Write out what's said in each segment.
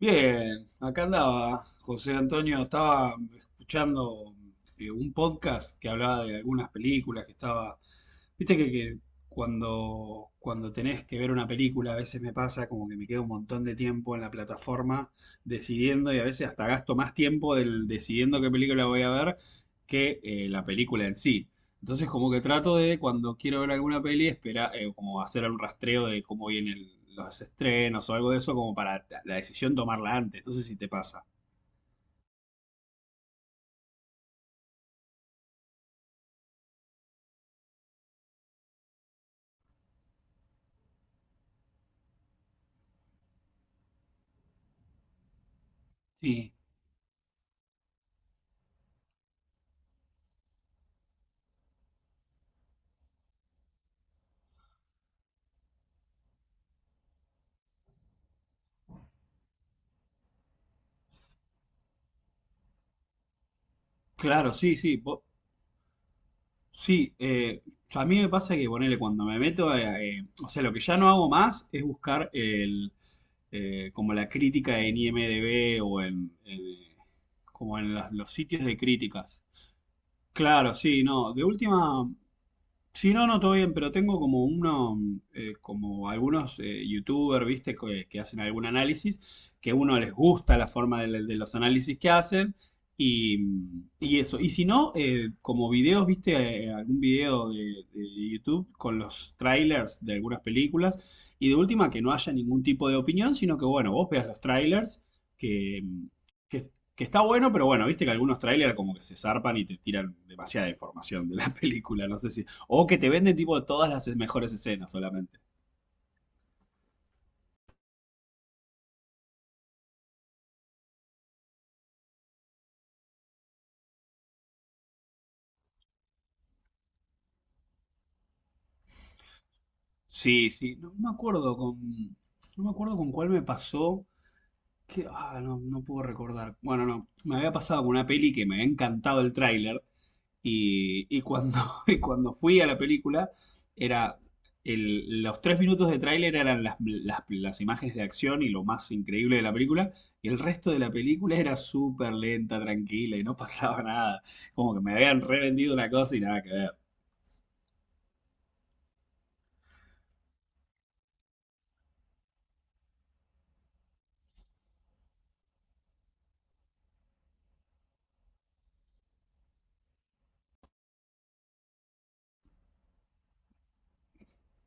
Bien, acá andaba José Antonio, estaba escuchando un podcast que hablaba de algunas películas que estaba, viste que cuando tenés que ver una película a veces me pasa como que me queda un montón de tiempo en la plataforma decidiendo y a veces hasta gasto más tiempo del decidiendo qué película voy a ver que la película en sí. Entonces como que trato de cuando quiero ver alguna peli, espera, como hacer un rastreo de cómo vienen los estrenos o algo de eso, como para la decisión tomarla antes. No sé si te pasa. Sí, claro, sí, sí. Sí, a mí me pasa que ponele cuando me meto, o sea, lo que ya no hago más es buscar como la crítica en IMDb o como en los sitios de críticas. Claro, sí, no. De última, sí, no, no, todo bien, pero tengo como como algunos youtubers, viste, que hacen algún análisis, que a uno les gusta la forma de los análisis que hacen y, y eso. Y si no, como videos, viste, algún video de YouTube con los trailers de algunas películas y de última que no haya ningún tipo de opinión, sino que bueno, vos veas los trailers que, que, que está bueno, pero bueno, viste que algunos trailers como que se zarpan y te tiran demasiada información de la película, no sé si... O que te venden tipo todas las mejores escenas solamente. Sí, sí. No, no me acuerdo con. No me acuerdo con cuál me pasó. Que, ah, no, no puedo recordar. Bueno, no. Me había pasado con una peli que me había encantado el tráiler. Y, y cuando, y cuando fui a la película, era. Los tres minutos de tráiler eran las imágenes de acción y lo más increíble de la película. Y el resto de la película era súper lenta, tranquila y no pasaba nada. Como que me habían revendido una cosa y nada que ver.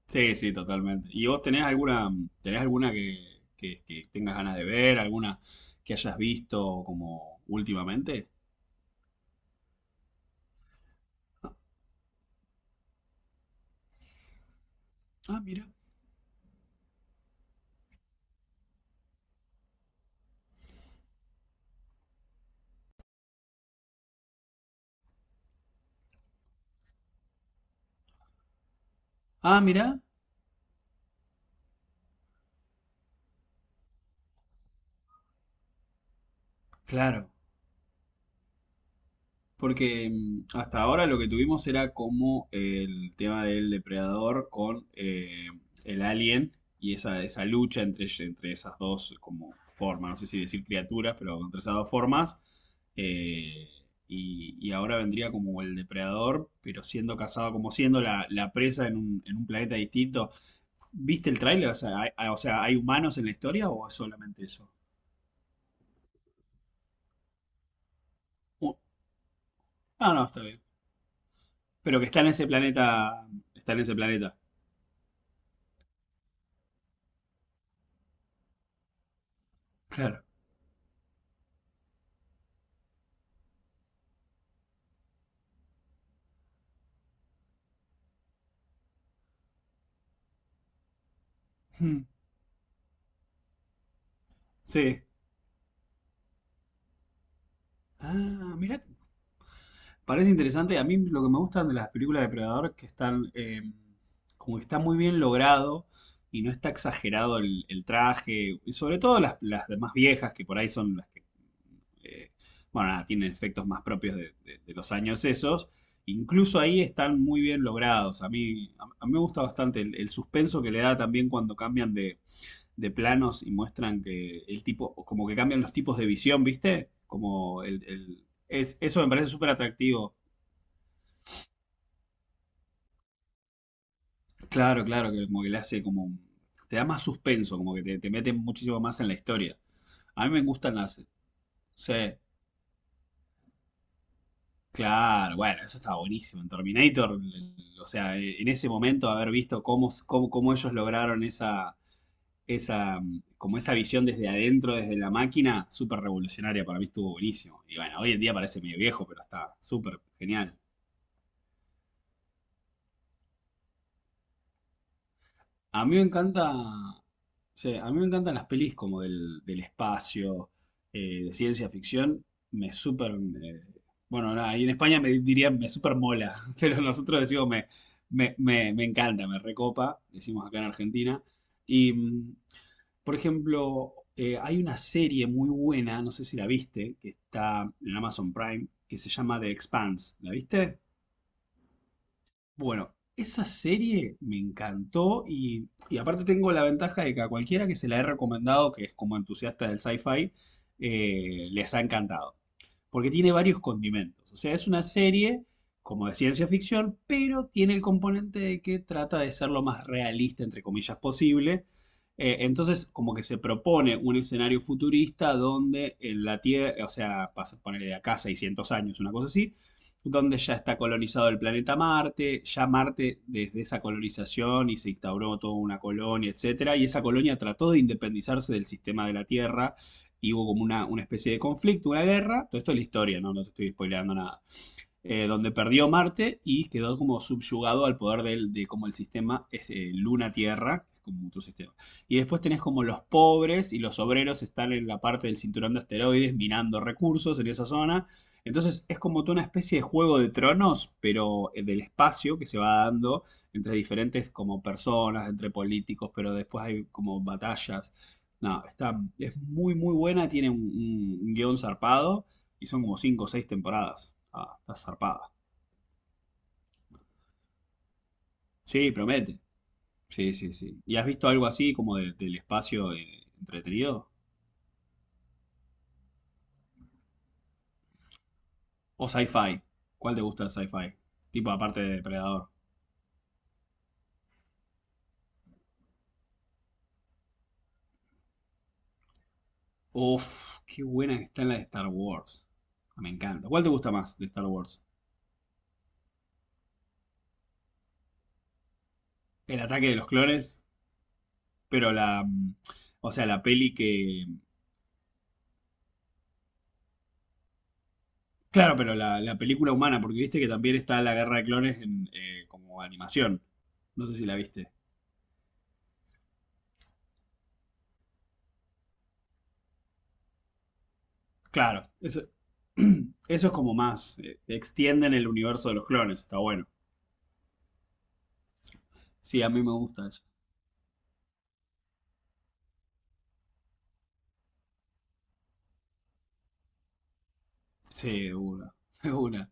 Sí, sí, totalmente. ¿Y vos tenés alguna que tengas ganas de ver, alguna que hayas visto como últimamente? Ah, mira. Ah, mira. Claro. Porque mm, hasta ahora lo que tuvimos era como el tema del depredador con el alien y esa lucha entre esas dos como formas, no sé si decir criaturas, pero entre esas dos formas. eh, y, y ahora vendría como el depredador, pero siendo cazado, como siendo la presa en en un planeta distinto. ¿Viste el tráiler? O sea, o sea, ¿hay humanos en la historia o es solamente eso? Uh, ah, no, está bien. Pero que está en ese planeta, está en ese planeta. Claro. Hmm, sí. Ah, mira, parece interesante. A mí lo que me gustan de las películas de Predador es que están, como que está muy bien logrado y no está exagerado el traje. Y sobre todo las más viejas, que por ahí son las que, eh, bueno, nada, tienen efectos más propios de, de los años esos. Incluso ahí están muy bien logrados. A mí, a mí me gusta bastante el suspenso que le da también cuando cambian de planos y muestran que el tipo, como que cambian los tipos de visión, ¿viste? Como es, eso me parece súper atractivo. Claro, claro, que como que le hace como un- te da más suspenso, como que te mete muchísimo más en la historia. A mí me gustan las, sí, claro, bueno, eso estaba buenísimo. En Terminator, o sea, en ese momento haber visto cómo ellos lograron esa esa, mm, como esa visión desde adentro, desde la máquina, súper revolucionaria, para mí estuvo buenísimo. Y bueno, hoy en día parece medio viejo, pero está súper genial. A mí me encanta, sí, a mí me encantan las pelis como del, del espacio, de ciencia ficción, me súper, eh, bueno, nada, y en España me dirían me súper mola, pero nosotros decimos me encanta, me recopa, decimos acá en Argentina. Y mm, por ejemplo, hay una serie muy buena, no sé si la viste, que está en Amazon Prime, que se llama The Expanse. ¿La viste? Bueno, esa serie me encantó y aparte tengo la ventaja de que a cualquiera que se la he recomendado, que es como entusiasta del sci-fi, les ha encantado porque tiene varios condimentos. O sea, es una serie como de ciencia ficción, pero tiene el componente de que trata de ser lo más realista, entre comillas, posible. Entonces, como que se propone un escenario futurista donde en la Tierra, o sea, pasa, ponerle de acá 600 años, una cosa así, donde ya está colonizado el planeta Marte, ya Marte desde esa colonización y se instauró toda una colonia, etcétera, y esa colonia trató de independizarse del sistema de la Tierra y hubo como una especie de conflicto, una guerra. Todo esto es la historia, ¿no? No te estoy spoileando nada donde perdió Marte y quedó como subyugado al poder del, de como el sistema este, Luna-Tierra, como otro sistema. Y después tenés como los pobres y los obreros están en la parte del cinturón de asteroides minando recursos en esa zona. Entonces es como toda una especie de juego de tronos, pero del espacio que se va dando entre diferentes como personas, entre políticos, pero después hay como batallas. No, está, es muy muy buena, tiene un, un guión zarpado y son como cinco o seis temporadas. Ah, está zarpada. Sí, promete. Sí, sí, sí. ¿Y has visto algo así como del espacio entretenido? ¿O sci-fi? ¿Cuál te gusta de sci-fi? Tipo aparte de Depredador. Uf, qué buena que está en la de Star Wars. Me encanta. ¿Cuál te gusta más de Star Wars? El ataque de los clones, pero la... mm, o sea, la peli que... Claro, pero la película humana, porque viste que también está la guerra de clones en, como animación. No sé si la viste. Claro, eso, eso es como más, extienden el universo de los clones, está bueno. Sí, a mí me gusta eso. Sí, de una, es una.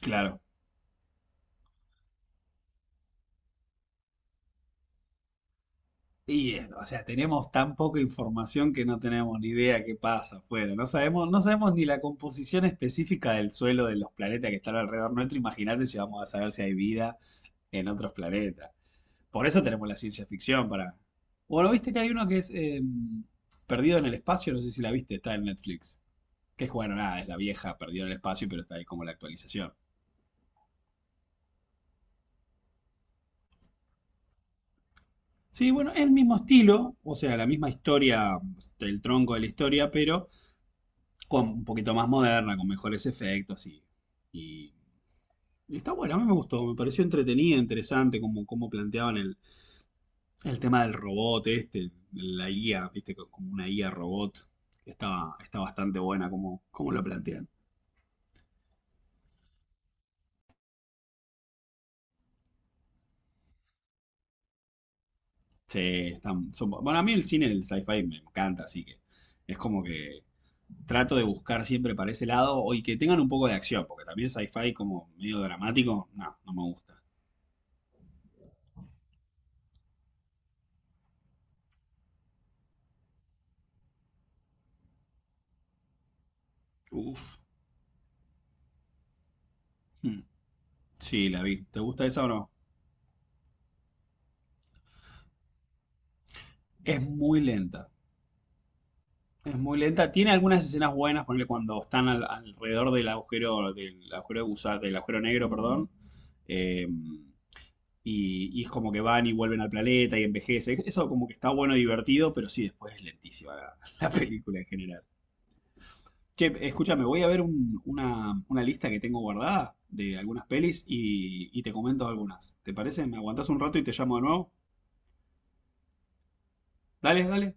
Claro. Y, o sea, tenemos tan poca información que no tenemos ni idea qué pasa afuera. No sabemos, no sabemos ni la composición específica del suelo de los planetas que están alrededor nuestro. Imagínate si vamos a saber si hay vida en otros planetas. Por eso tenemos la ciencia ficción para... Bueno, viste que hay uno que es Perdido en el espacio, no sé si la viste, está en Netflix. Que es, bueno, nada, es la vieja, perdió el espacio, pero está ahí como la actualización. Sí, bueno, el mismo estilo, o sea, la misma historia, el tronco de la historia, pero con un poquito más moderna, con mejores efectos y y está bueno, a mí me gustó, me pareció entretenida, interesante como, como planteaban el tema del robot este, la IA, viste, como una IA robot. Está, está bastante buena como, como lo plantean. Sí, están, son- bueno, a mí el cine del sci-fi me encanta, así que es como que trato de buscar siempre para ese lado y que tengan un poco de acción, porque también sci-fi como medio dramático, no, no me gusta. Uf. Mm. Sí, la vi. ¿Te gusta esa o no? Es muy lenta. Es muy lenta. Tiene algunas escenas buenas, ponle cuando están al- alrededor del agujero, del agujero del agujero negro, perdón. Eh, y, y es como que van y vuelven al planeta y envejece. Eso como que está bueno y divertido, pero sí, después es lentísima la, la película en general. Che, escúchame, voy a ver un- una lista que tengo guardada de algunas pelis y te comento algunas. ¿Te parece? ¿Me aguantás un rato y te llamo de nuevo? Dale, dale.